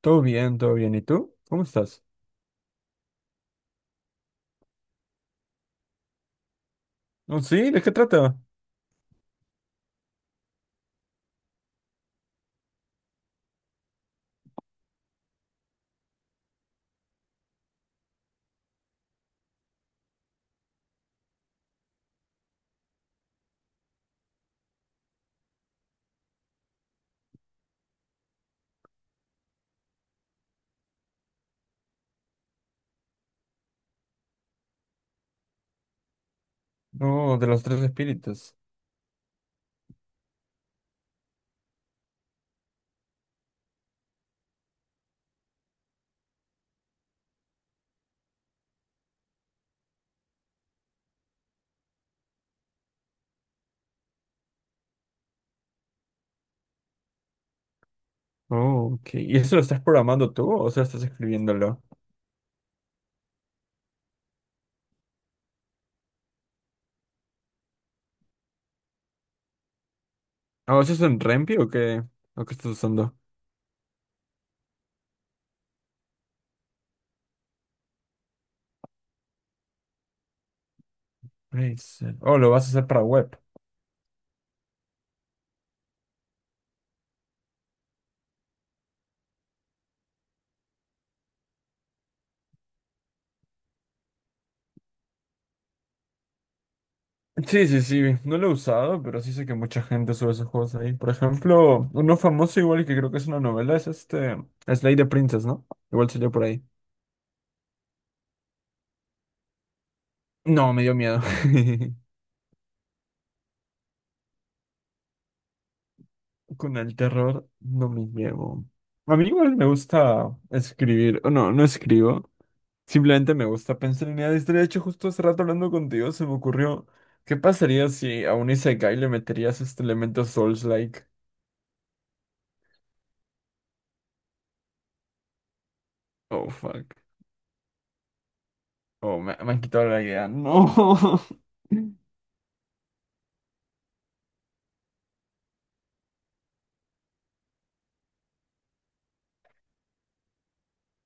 Todo bien, todo bien. ¿Y tú? ¿Cómo estás? Oh, sí, ¿de qué trata? Oh, de los tres espíritus. Oh, ok. ¿Y eso lo estás programando tú o sea, estás escribiéndolo? Oh, ¿eso es en Rempi o qué? ¿O qué estás usando? Razer. Oh, lo vas a hacer para web. Sí, sí, sí. No lo he usado, pero sí sé que mucha gente sube esos juegos ahí. Por ejemplo, uno famoso igual y que creo que es una novela es este Slay the Princess, ¿no? Igual salió por ahí. No, me dio miedo. Con el terror no me llevo. A mí igual me gusta escribir, o no, no escribo. Simplemente me gusta pensar en ideas. De hecho, justo hace rato hablando contigo se me ocurrió, ¿qué pasaría si a un Isekai le meterías este elemento Souls-like? Oh, fuck. Oh, me han quitado la idea. No.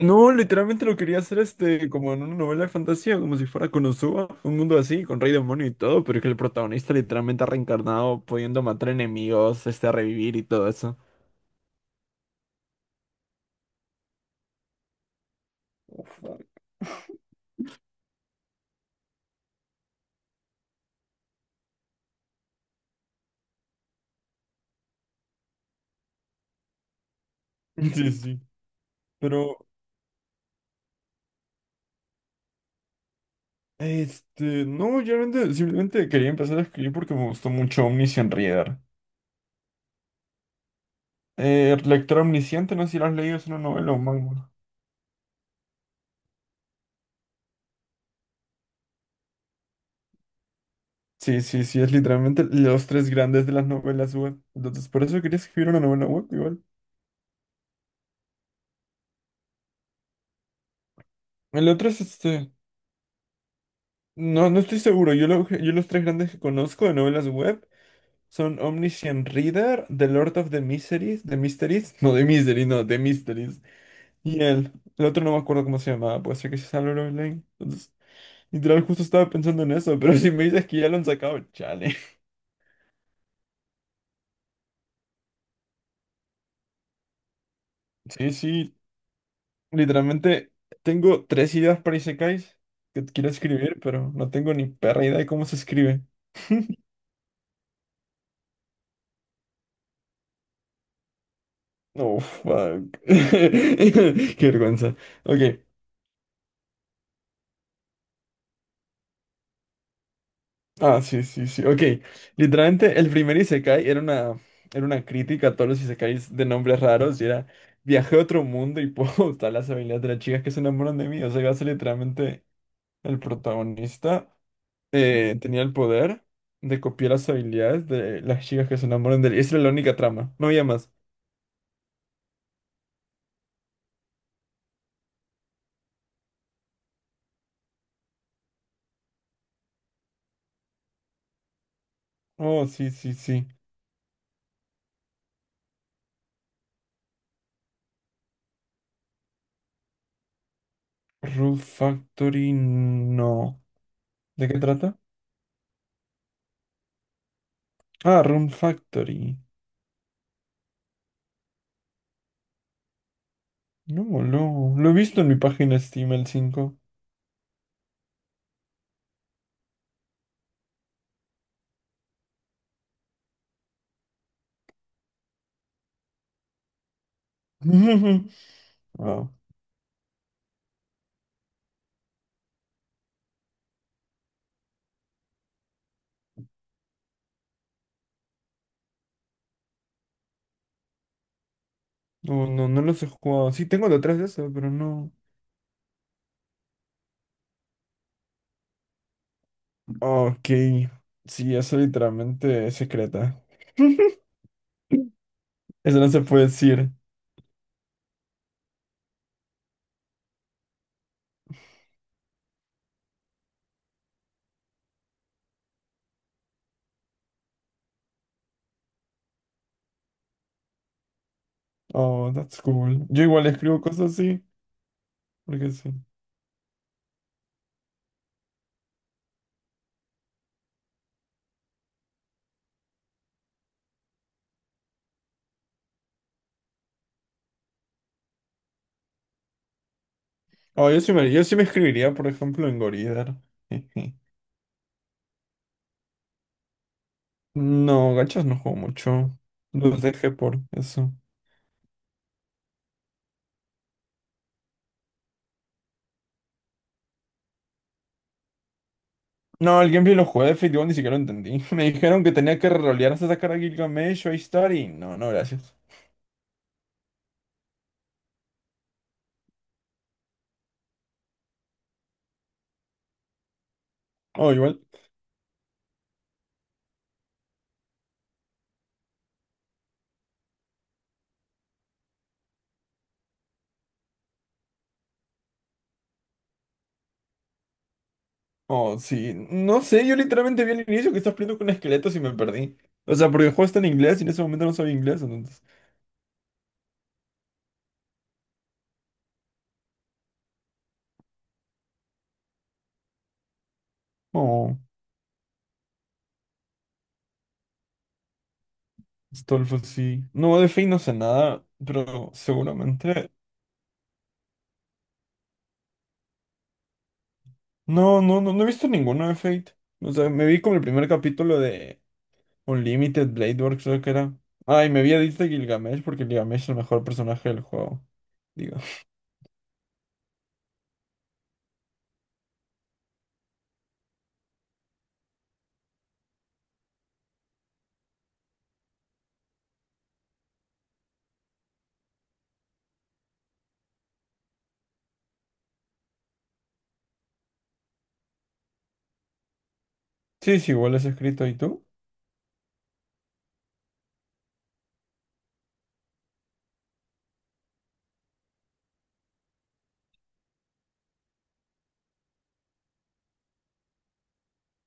No, literalmente lo quería hacer este, como en una novela de fantasía, como si fuera Konosuba, un mundo así, con rey demonio y todo, pero que el protagonista literalmente ha reencarnado, pudiendo matar enemigos, este, a revivir y todo eso. Sí, sí. Pero, este, no, yo realmente simplemente quería empezar a escribir porque me gustó mucho Omniscient Reader. Lector Omnisciente, no sé si lo has leído, es una novela o manga. Sí, sí, sí, es literalmente los tres grandes de las novelas web. Entonces, por eso quería escribir una novela web igual. El otro es este, no, no estoy seguro, yo, yo los tres grandes que conozco de novelas web son Omniscient Reader, The Lord of the Miseries, The Mysteries, no, The Misery, no, The Mysteries. Y él, el otro no me acuerdo cómo se llamaba, puede ser que se salió Love Lane. Entonces, literal, justo estaba pensando en eso, pero si me dices que ya lo han sacado, chale. Sí, sí, literalmente tengo tres ideas para Isekais que quiero escribir, pero no tengo ni perra idea de cómo se escribe. Oh, fuck. Qué vergüenza. Ok. Ah, sí, sí, sí. Ok. Literalmente, el primer Isekai era una crítica a todos los Isekais de nombres raros y era viajé a otro mundo y puedo usar las habilidades de las chicas que se enamoran de mí. O sea, iba a ser literalmente el protagonista. Tenía el poder de copiar las habilidades de las chicas que se enamoran de él. Esa era la única trama. No había más. Oh, sí, sí, sí. Room Factory, no. ¿De qué trata? Ah, Room Factory. No, no. Lo he visto en mi página Steam el 5. Ah, no, no, no los he jugado. Sí, tengo detrás de eso, pero no. Ok. Sí, eso literalmente es secreta. Eso no se puede decir. Oh, that's cool. Yo igual escribo cosas así, porque sí. Oh, yo sí me escribiría, por ejemplo, en Goridar. No, gachas no juego mucho. Los dejé por eso. No, el gameplay lo jugué de Fate Go, ni siquiera lo entendí. Me dijeron que tenía que rolear hasta sacar a Gilgamesh o a Ishtar y no, no, gracias. Oh, igual. Oh, sí. No sé, yo literalmente vi al inicio que estás peleando con esqueletos y me perdí. O sea, porque el juego está en inglés y en ese momento no sabía inglés, entonces. Oh, Stolfo, sí. No, de Fate no sé nada, pero seguramente. No, no, no, no he visto ninguno de Fate. O sea, me vi como el primer capítulo de Unlimited Blade Works, creo que era. Ay, me vi a Edith de Gilgamesh porque Gilgamesh es el mejor personaje del juego. Digo. Sí, sí, igual es escrito. ¿Y tú?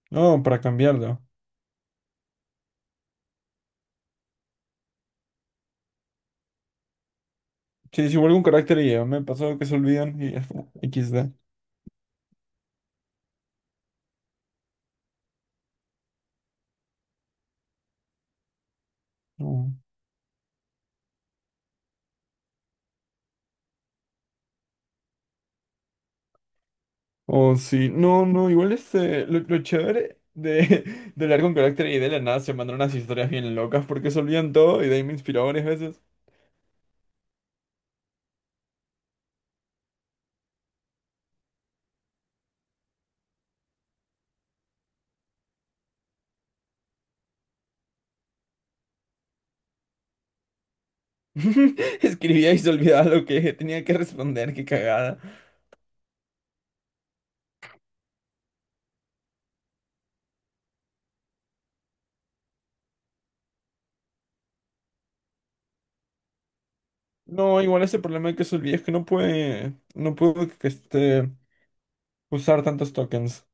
No, para cambiarlo. Sí, sí, igual algún carácter y ya me ha pasado que se olvidan y ya, equis de. Oh. Oh, sí, no, no, igual este, lo chévere de, de hablar con carácter y de la nada se mandaron unas historias bien locas porque se olvidan todo y de ahí me inspiró varias veces. Escribía y se olvidaba lo que tenía que responder, qué cagada. No, igual ese problema de que se olvida es que no puede, no puedo que este, usar tantos tokens.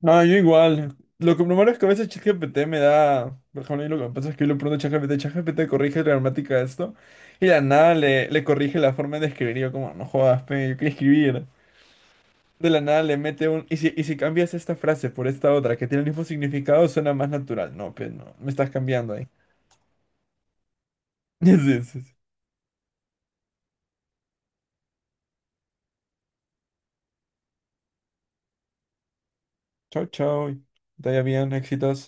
No, yo igual. Lo que primero es que a veces ChatGPT me da. Por ejemplo, y lo que pasa es que yo le pregunto a ChatGPT, ChatGPT corrige la gramática de esto. Y de la nada le, le corrige la forma de escribir. Y yo, como, no jodas, pe, yo quiero escribir. De la nada le mete un. Y si cambias esta frase por esta otra que tiene el mismo significado, suena más natural. No, pe, no. Me estás cambiando ahí. Sí, sí, sí. Chau, chau. Te vaya bien, éxitos.